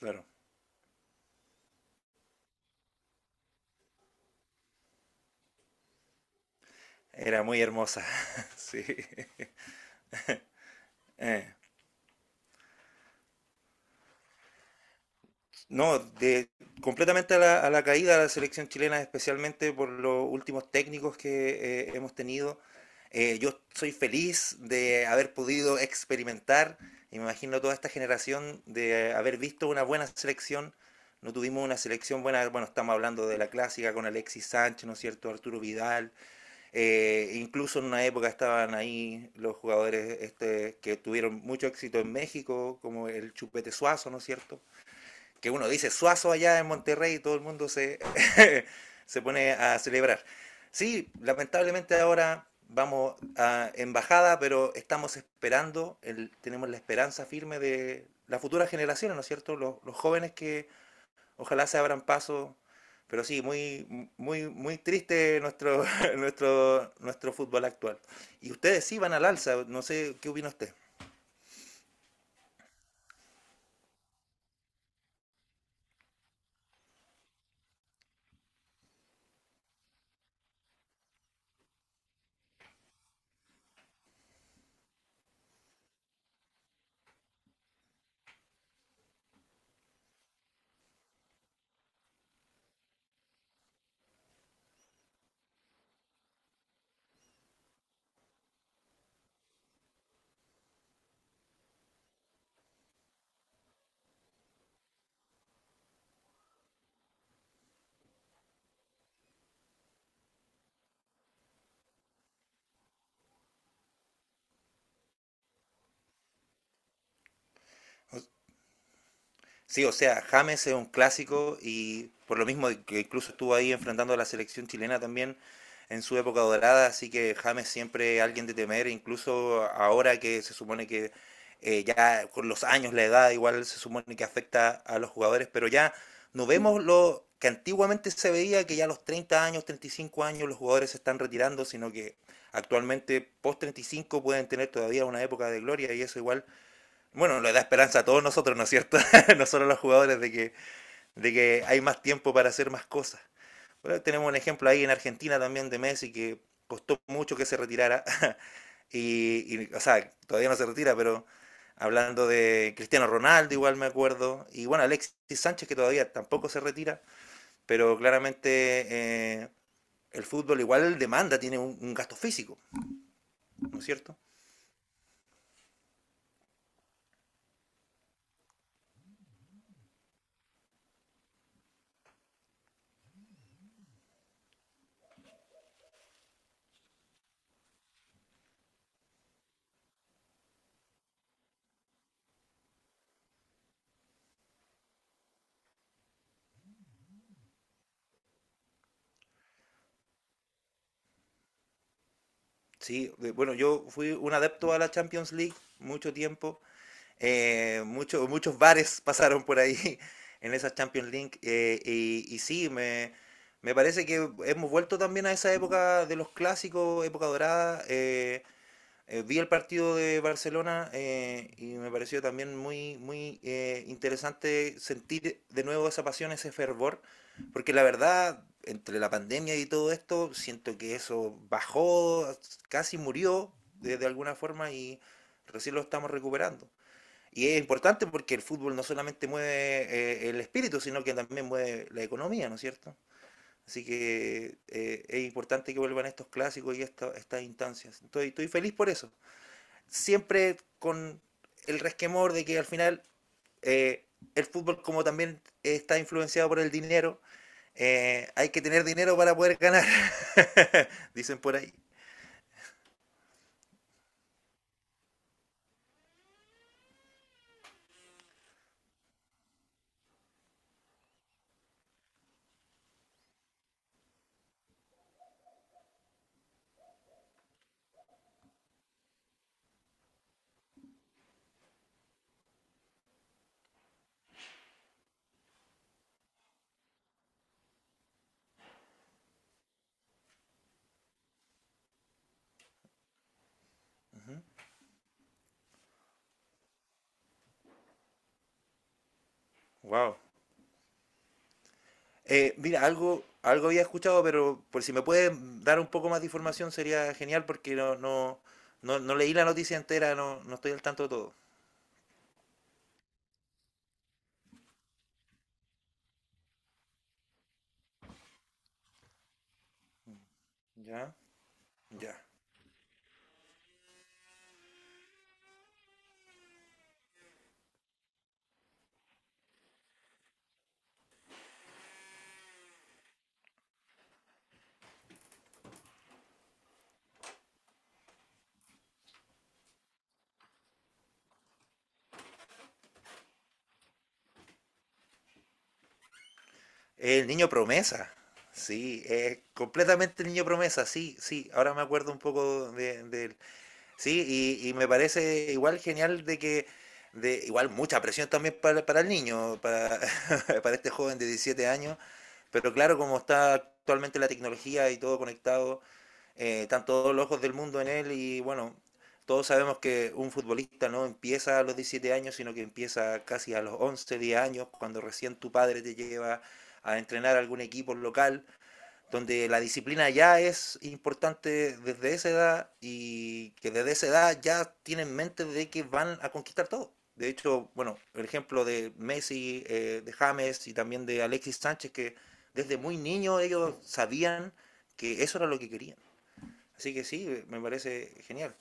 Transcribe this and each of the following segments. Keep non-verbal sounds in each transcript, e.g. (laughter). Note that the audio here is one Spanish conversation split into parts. Claro, era muy hermosa, (laughs) sí. Eh, no, completamente a la caída de la selección chilena, especialmente por los últimos técnicos que hemos tenido. Yo soy feliz de haber podido experimentar, y me imagino toda esta generación, de haber visto una buena selección. No tuvimos una selección buena, bueno, estamos hablando de la clásica con Alexis Sánchez, ¿no es cierto? Arturo Vidal. Incluso en una época estaban ahí los jugadores que tuvieron mucho éxito en México, como el Chupete Suazo, ¿no es cierto? Que uno dice Suazo allá en Monterrey y todo el mundo (laughs) se pone a celebrar. Sí, lamentablemente ahora vamos a embajada, pero estamos esperando, tenemos la esperanza firme de las futuras generaciones, ¿no es cierto? Los jóvenes que ojalá se abran paso. Pero sí, muy, muy, muy triste (laughs) nuestro fútbol actual. Y ustedes sí van al alza, no sé qué opina usted. Sí, o sea, James es un clásico y por lo mismo que incluso estuvo ahí enfrentando a la selección chilena también en su época dorada, así que James siempre es alguien de temer, incluso ahora que se supone que ya con los años, la edad igual se supone que afecta a los jugadores, pero ya no vemos lo que antiguamente se veía, que ya a los 30 años, 35 años los jugadores se están retirando, sino que actualmente post 35 pueden tener todavía una época de gloria y eso igual bueno, le da esperanza a todos nosotros, ¿no es cierto? (laughs) nosotros los jugadores de que hay más tiempo para hacer más cosas. Bueno, tenemos un ejemplo ahí en Argentina también de Messi que costó mucho que se retirara. (laughs) Y, o sea, todavía no se retira, pero hablando de Cristiano Ronaldo, igual me acuerdo. Y bueno, Alexis Sánchez que todavía tampoco se retira, pero claramente eh, el fútbol igual demanda, tiene un gasto físico, ¿no es cierto? Sí, bueno, yo fui un adepto a la Champions League mucho tiempo. Muchos bares pasaron por ahí (laughs) en esa Champions League. Y sí, me parece que hemos vuelto también a esa época de los clásicos, época dorada. Vi el partido de Barcelona y me pareció también muy, muy interesante sentir de nuevo esa pasión, ese fervor, porque la verdad, entre la pandemia y todo esto, siento que eso bajó, casi murió de alguna forma y recién lo estamos recuperando. Y es importante porque el fútbol no solamente mueve el espíritu, sino que también mueve la economía, ¿no es cierto? Así que es importante que vuelvan estos clásicos y estas instancias. Estoy feliz por eso. Siempre con el resquemor de que al final eh, el fútbol, como también está influenciado por el dinero, hay que tener dinero para poder ganar, (laughs) dicen por ahí. Wow. Mira, algo había escuchado, pero por si me pueden dar un poco más de información sería genial porque no leí la noticia entera, no estoy al tanto de todo. Ya, ya. El niño promesa. Sí, es completamente el niño promesa, sí, sí, ahora me acuerdo un poco de él. Sí, y me parece igual genial de que igual mucha presión también para el niño, (laughs) para este joven de 17 años, pero claro, como está actualmente la tecnología y todo conectado, están todos los ojos del mundo en él y bueno, todos sabemos que un futbolista no empieza a los 17 años, sino que empieza casi a los 11 10 años, cuando recién tu padre te lleva a entrenar a algún equipo local, donde la disciplina ya es importante desde esa edad y que desde esa edad ya tienen en mente de que van a conquistar todo. De hecho, bueno, el ejemplo de Messi, de James y también de Alexis Sánchez, que desde muy niño ellos sabían que eso era lo que querían. Así que sí, me parece genial.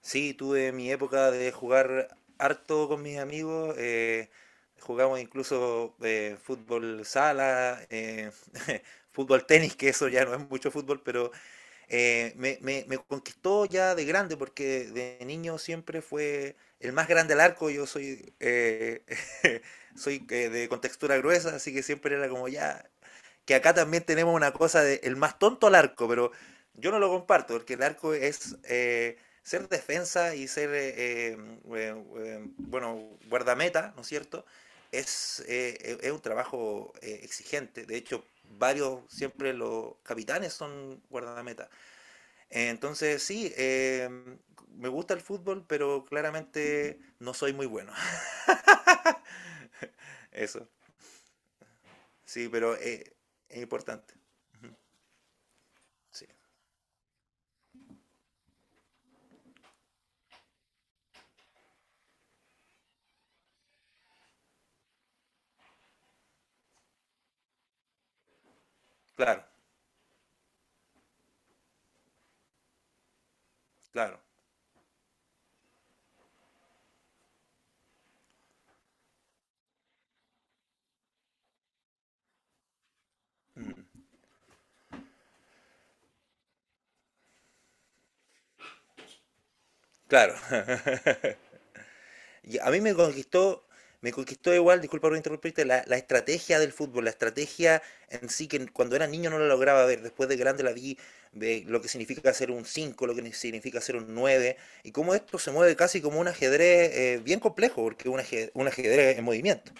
Sí, tuve mi época de jugar harto con mis amigos. Jugamos incluso fútbol sala, (laughs) fútbol tenis, que eso ya no es mucho fútbol, pero me conquistó ya de grande, porque de niño siempre fue el más grande al arco. Yo soy, (laughs) soy de contextura gruesa, así que siempre era como ya, que acá también tenemos una cosa de el más tonto al arco, pero yo no lo comparto, porque el arco es ser defensa y ser, bueno, guardameta, ¿no es cierto? Es un trabajo exigente. De hecho, varios, siempre los capitanes son guardameta. Entonces, sí, me gusta el fútbol, pero claramente no soy muy bueno. (laughs) Eso, sí, pero es importante. Sí, claro, claro, claro. (laughs) Y a mí me conquistó igual, disculpa por interrumpirte, la estrategia del fútbol, la estrategia en sí, que cuando era niño no la lograba ver, después de grande la vi, de lo que significa ser un 5 lo que significa ser un 9 y cómo esto se mueve casi como un ajedrez bien complejo, porque es un ajedrez en movimiento.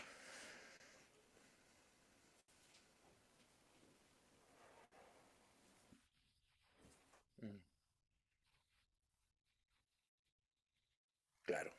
Mm. Claro.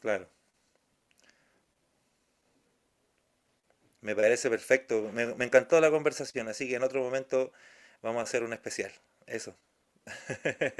Claro, me parece perfecto. Me encantó la conversación, así que en otro momento vamos a hacer un especial. Eso.